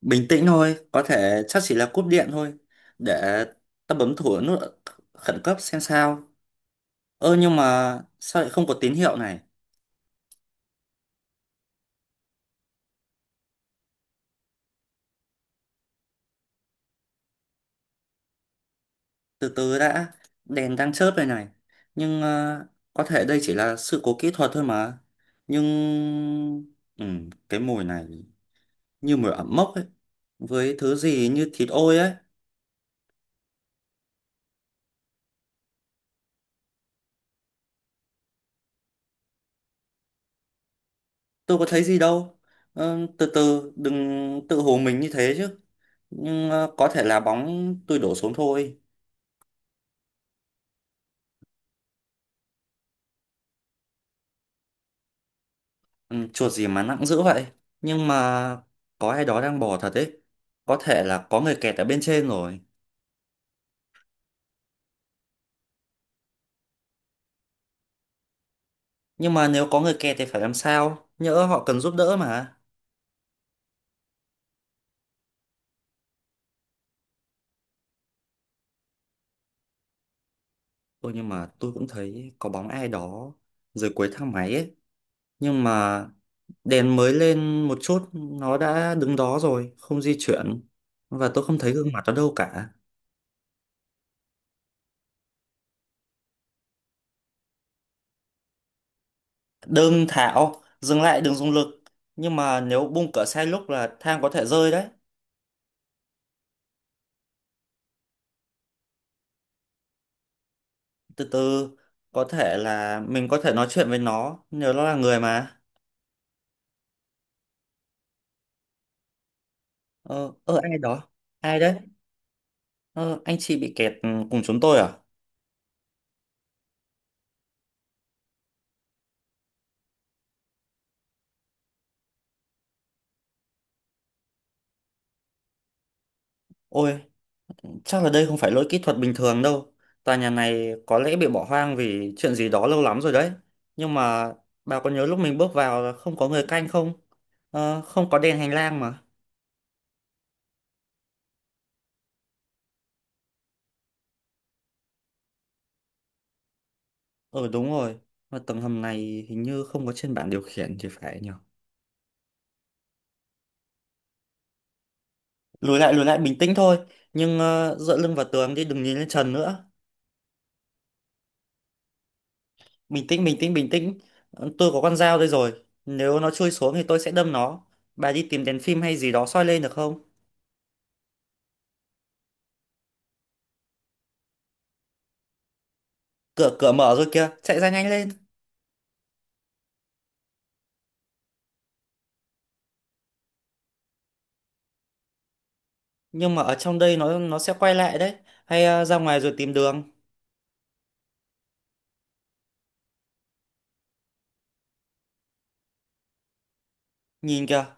Bình tĩnh thôi, có thể chắc chỉ là cúp điện thôi. Để ta bấm thử nút khẩn cấp xem sao. Ơ, nhưng mà sao lại không có tín hiệu này? Từ từ đã, đèn đang chớp đây này. Nhưng có thể đây chỉ là sự cố kỹ thuật thôi mà. Nhưng ừ, cái mùi này như mùi ẩm mốc ấy, với thứ gì như thịt ôi ấy. Tôi có thấy gì đâu. Ờ, từ từ, đừng tự hồ mình như thế chứ. Nhưng có thể là bóng tôi đổ xuống thôi. Ừ, chuột gì mà nặng dữ vậy. Nhưng mà có ai đó đang bò thật đấy, có thể là có người kẹt ở bên trên rồi. Nhưng mà nếu có người kẹt thì phải làm sao, nhỡ họ cần giúp đỡ mà. Ôi, nhưng mà tôi cũng thấy có bóng ai đó dưới cuối thang máy ấy. Nhưng mà đèn mới lên một chút nó đã đứng đó rồi không di chuyển, và tôi không thấy gương mặt nó đâu cả. Đừng Thảo, dừng lại, đừng dùng lực. Nhưng mà nếu bung cửa sai lúc là thang có thể rơi đấy. Từ từ, có thể là mình có thể nói chuyện với nó nếu nó là người mà. Ờ, ai đó. Ai đấy? Ờ anh chị bị kẹt cùng chúng tôi à? Ôi, chắc là đây không phải lỗi kỹ thuật bình thường đâu. Tòa nhà này có lẽ bị bỏ hoang vì chuyện gì đó lâu lắm rồi đấy. Nhưng mà bà có nhớ lúc mình bước vào là không có người canh không? Không có đèn hành lang mà. Ờ đúng rồi, mà tầng hầm này hình như không có trên bảng điều khiển thì phải nhỉ. Lùi lại, bình tĩnh thôi. Nhưng dựa lưng vào tường đi, đừng nhìn lên trần nữa. Bình tĩnh. Ờ, tôi có con dao đây rồi, nếu nó chui xuống thì tôi sẽ đâm nó. Bà đi tìm đèn phim hay gì đó soi lên được không? Cửa cửa mở rồi kìa, chạy ra nhanh lên. Nhưng mà ở trong đây nó sẽ quay lại đấy. Hay ra ngoài rồi tìm đường. nhìn kìa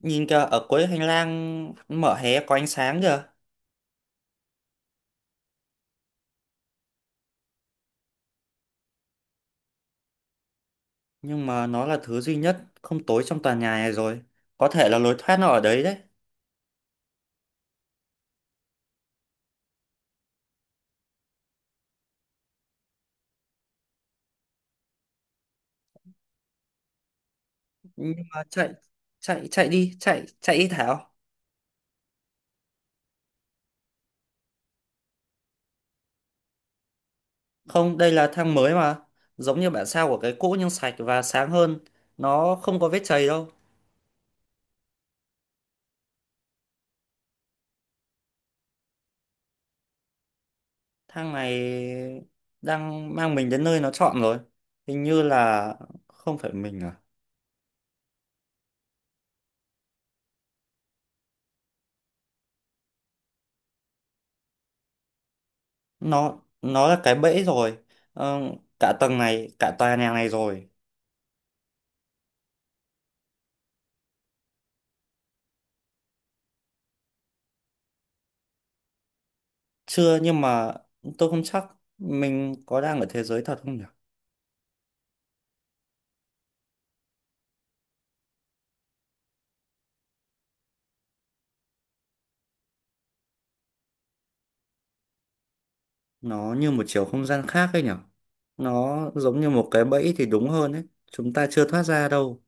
nhìn kìa ở cuối hành lang mở hé có ánh sáng kìa. Nhưng mà nó là thứ duy nhất không tối trong tòa nhà này rồi, có thể là lối thoát nó ở đấy đấy. Nhưng mà chạy, chạy chạy đi Thảo. Không, đây là thang mới mà. Giống như bản sao của cái cũ nhưng sạch và sáng hơn. Nó không có vết chày đâu. Thang này đang mang mình đến nơi nó chọn rồi. Hình như là không phải mình à. Nó là cái bẫy rồi. Ờ, cả tầng này, cả tòa nhà này rồi. Chưa, nhưng mà tôi không chắc mình có đang ở thế giới thật không nhỉ? Nó như một chiều không gian khác ấy nhỉ? Nó giống như một cái bẫy thì đúng hơn ấy. Chúng ta chưa thoát ra đâu.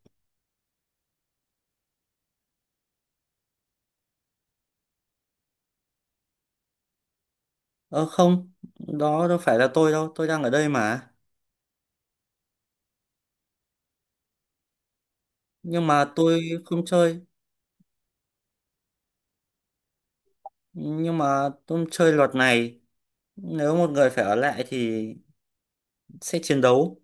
Ờ không, đó đâu phải là tôi đâu, tôi đang ở đây mà. Nhưng mà tôi không chơi, nhưng mà tôi chơi luật này. Nếu một người phải ở lại thì sẽ chiến đấu.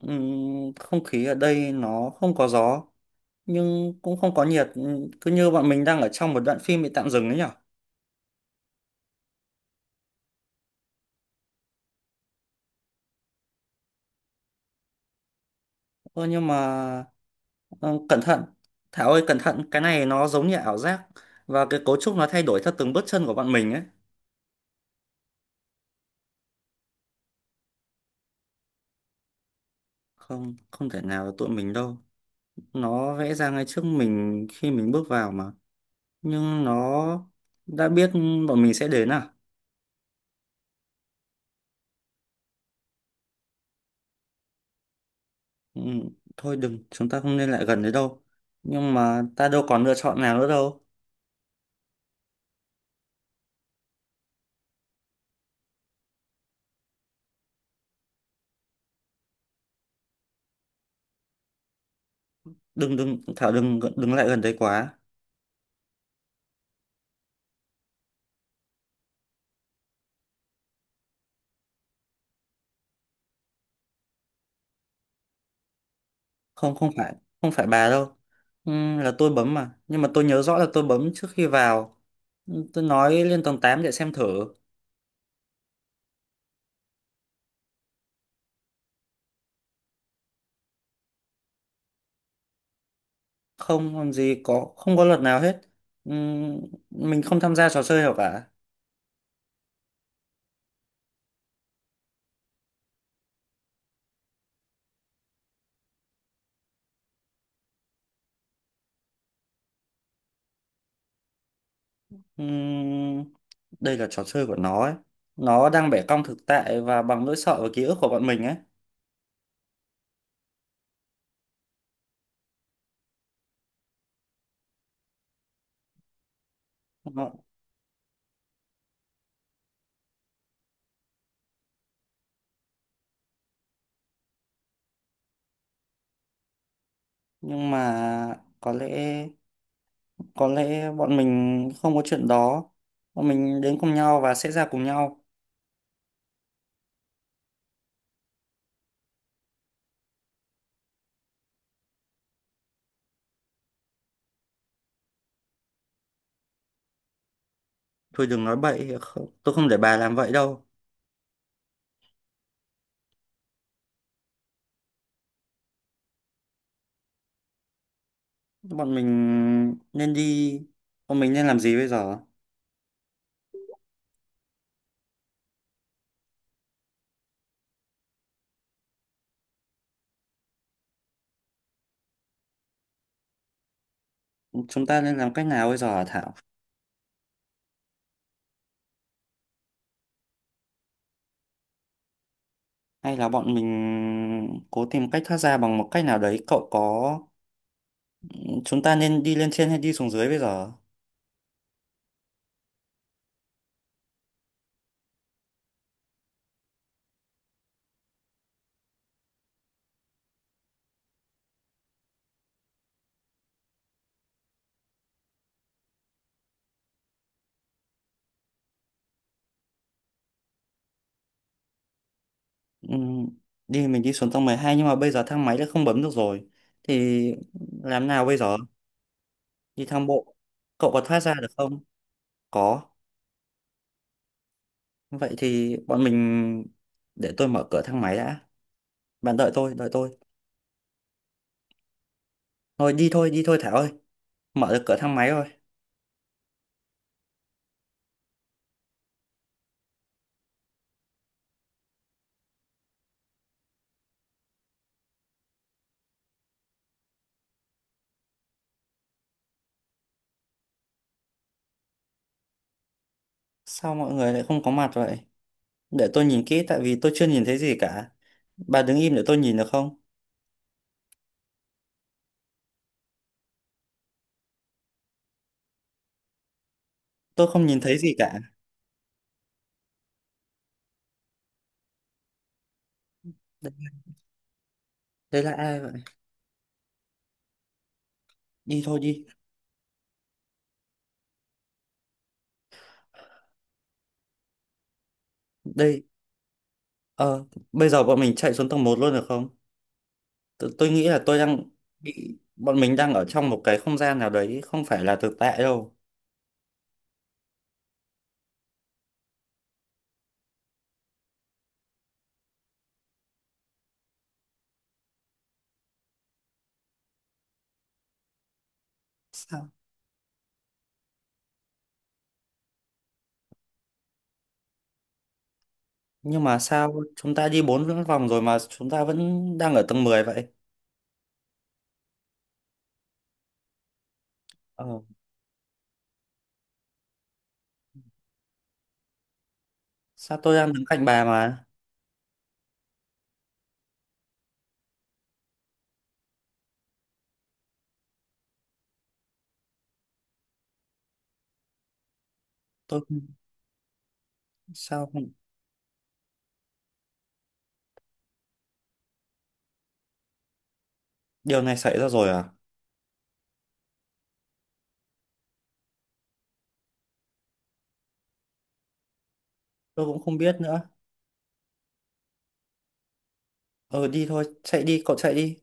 Ừm, Không khí ở đây nó không có gió, nhưng cũng không có nhiệt. Cứ như bọn mình đang ở trong một đoạn phim bị tạm dừng ấy nhở. Ờ nhưng mà ờ, cẩn thận, Thảo ơi cẩn thận, cái này nó giống như ảo giác. Và cái cấu trúc nó thay đổi theo từng bước chân của bọn mình ấy. Không, không thể nào là tụi mình đâu. Nó vẽ ra ngay trước mình khi mình bước vào mà, nhưng nó đã biết bọn mình sẽ đến à? ừ, Thôi đừng, chúng ta không nên lại gần đấy đâu. Nhưng mà ta đâu còn lựa chọn nào nữa đâu. Đừng đừng Thảo, đừng đừng lại gần đấy quá. Không, không phải, không phải bà đâu. Ừ, là tôi bấm mà, nhưng mà tôi nhớ rõ là tôi bấm trước khi vào. Ừ, tôi nói lên tầng 8 để xem thử. Không làm gì có, không có luật nào hết. Ừ, mình không tham gia trò chơi nào cả. Ừm, đây là trò chơi của nó ấy. Nó đang bẻ cong thực tại và bằng nỗi sợ và ký ức của bọn mình ấy. Nó, nhưng mà có lẽ bọn mình không có chuyện đó. Bọn mình đến cùng nhau và sẽ ra cùng nhau. Thôi đừng nói bậy, tôi không để bà làm vậy đâu. Bọn mình nên đi, bọn mình nên làm gì bây giờ? Chúng ta nên làm cách nào bây giờ hả Thảo? Hay là bọn mình cố tìm cách thoát ra bằng một cách nào đấy? Cậu có chúng ta nên đi lên trên hay đi xuống dưới bây giờ? Ừm, đi mình đi xuống tầng 12, nhưng mà bây giờ thang máy đã không bấm được rồi. Thì làm nào bây giờ? Đi thang bộ. Cậu có thoát ra được không? Có. Vậy thì bọn mình, để tôi mở cửa thang máy đã. Bạn đợi tôi, đợi tôi. Thôi đi thôi, đi thôi Thảo ơi. Mở được cửa thang máy rồi. Sao mọi người lại không có mặt vậy? Để tôi nhìn kỹ, tại vì tôi chưa nhìn thấy gì cả. Bà đứng im để tôi nhìn được không? Tôi không nhìn thấy gì cả. Đây, đây là ai vậy? Đi thôi đi. Đây. Ờ, bây giờ bọn mình chạy xuống tầng 1 luôn được không? Tôi nghĩ là tôi đang bị bọn mình đang ở trong một cái không gian nào đấy không phải là thực tại đâu. Sao nhưng mà sao chúng ta đi 4 vòng rồi mà chúng ta vẫn đang ở tầng 10 vậy? Ờ, sao tôi đang đứng cạnh bà mà? Tôi không- sao không- Điều này xảy ra rồi à? Tôi cũng không biết nữa. Ờ đi thôi, chạy đi cậu, chạy đi.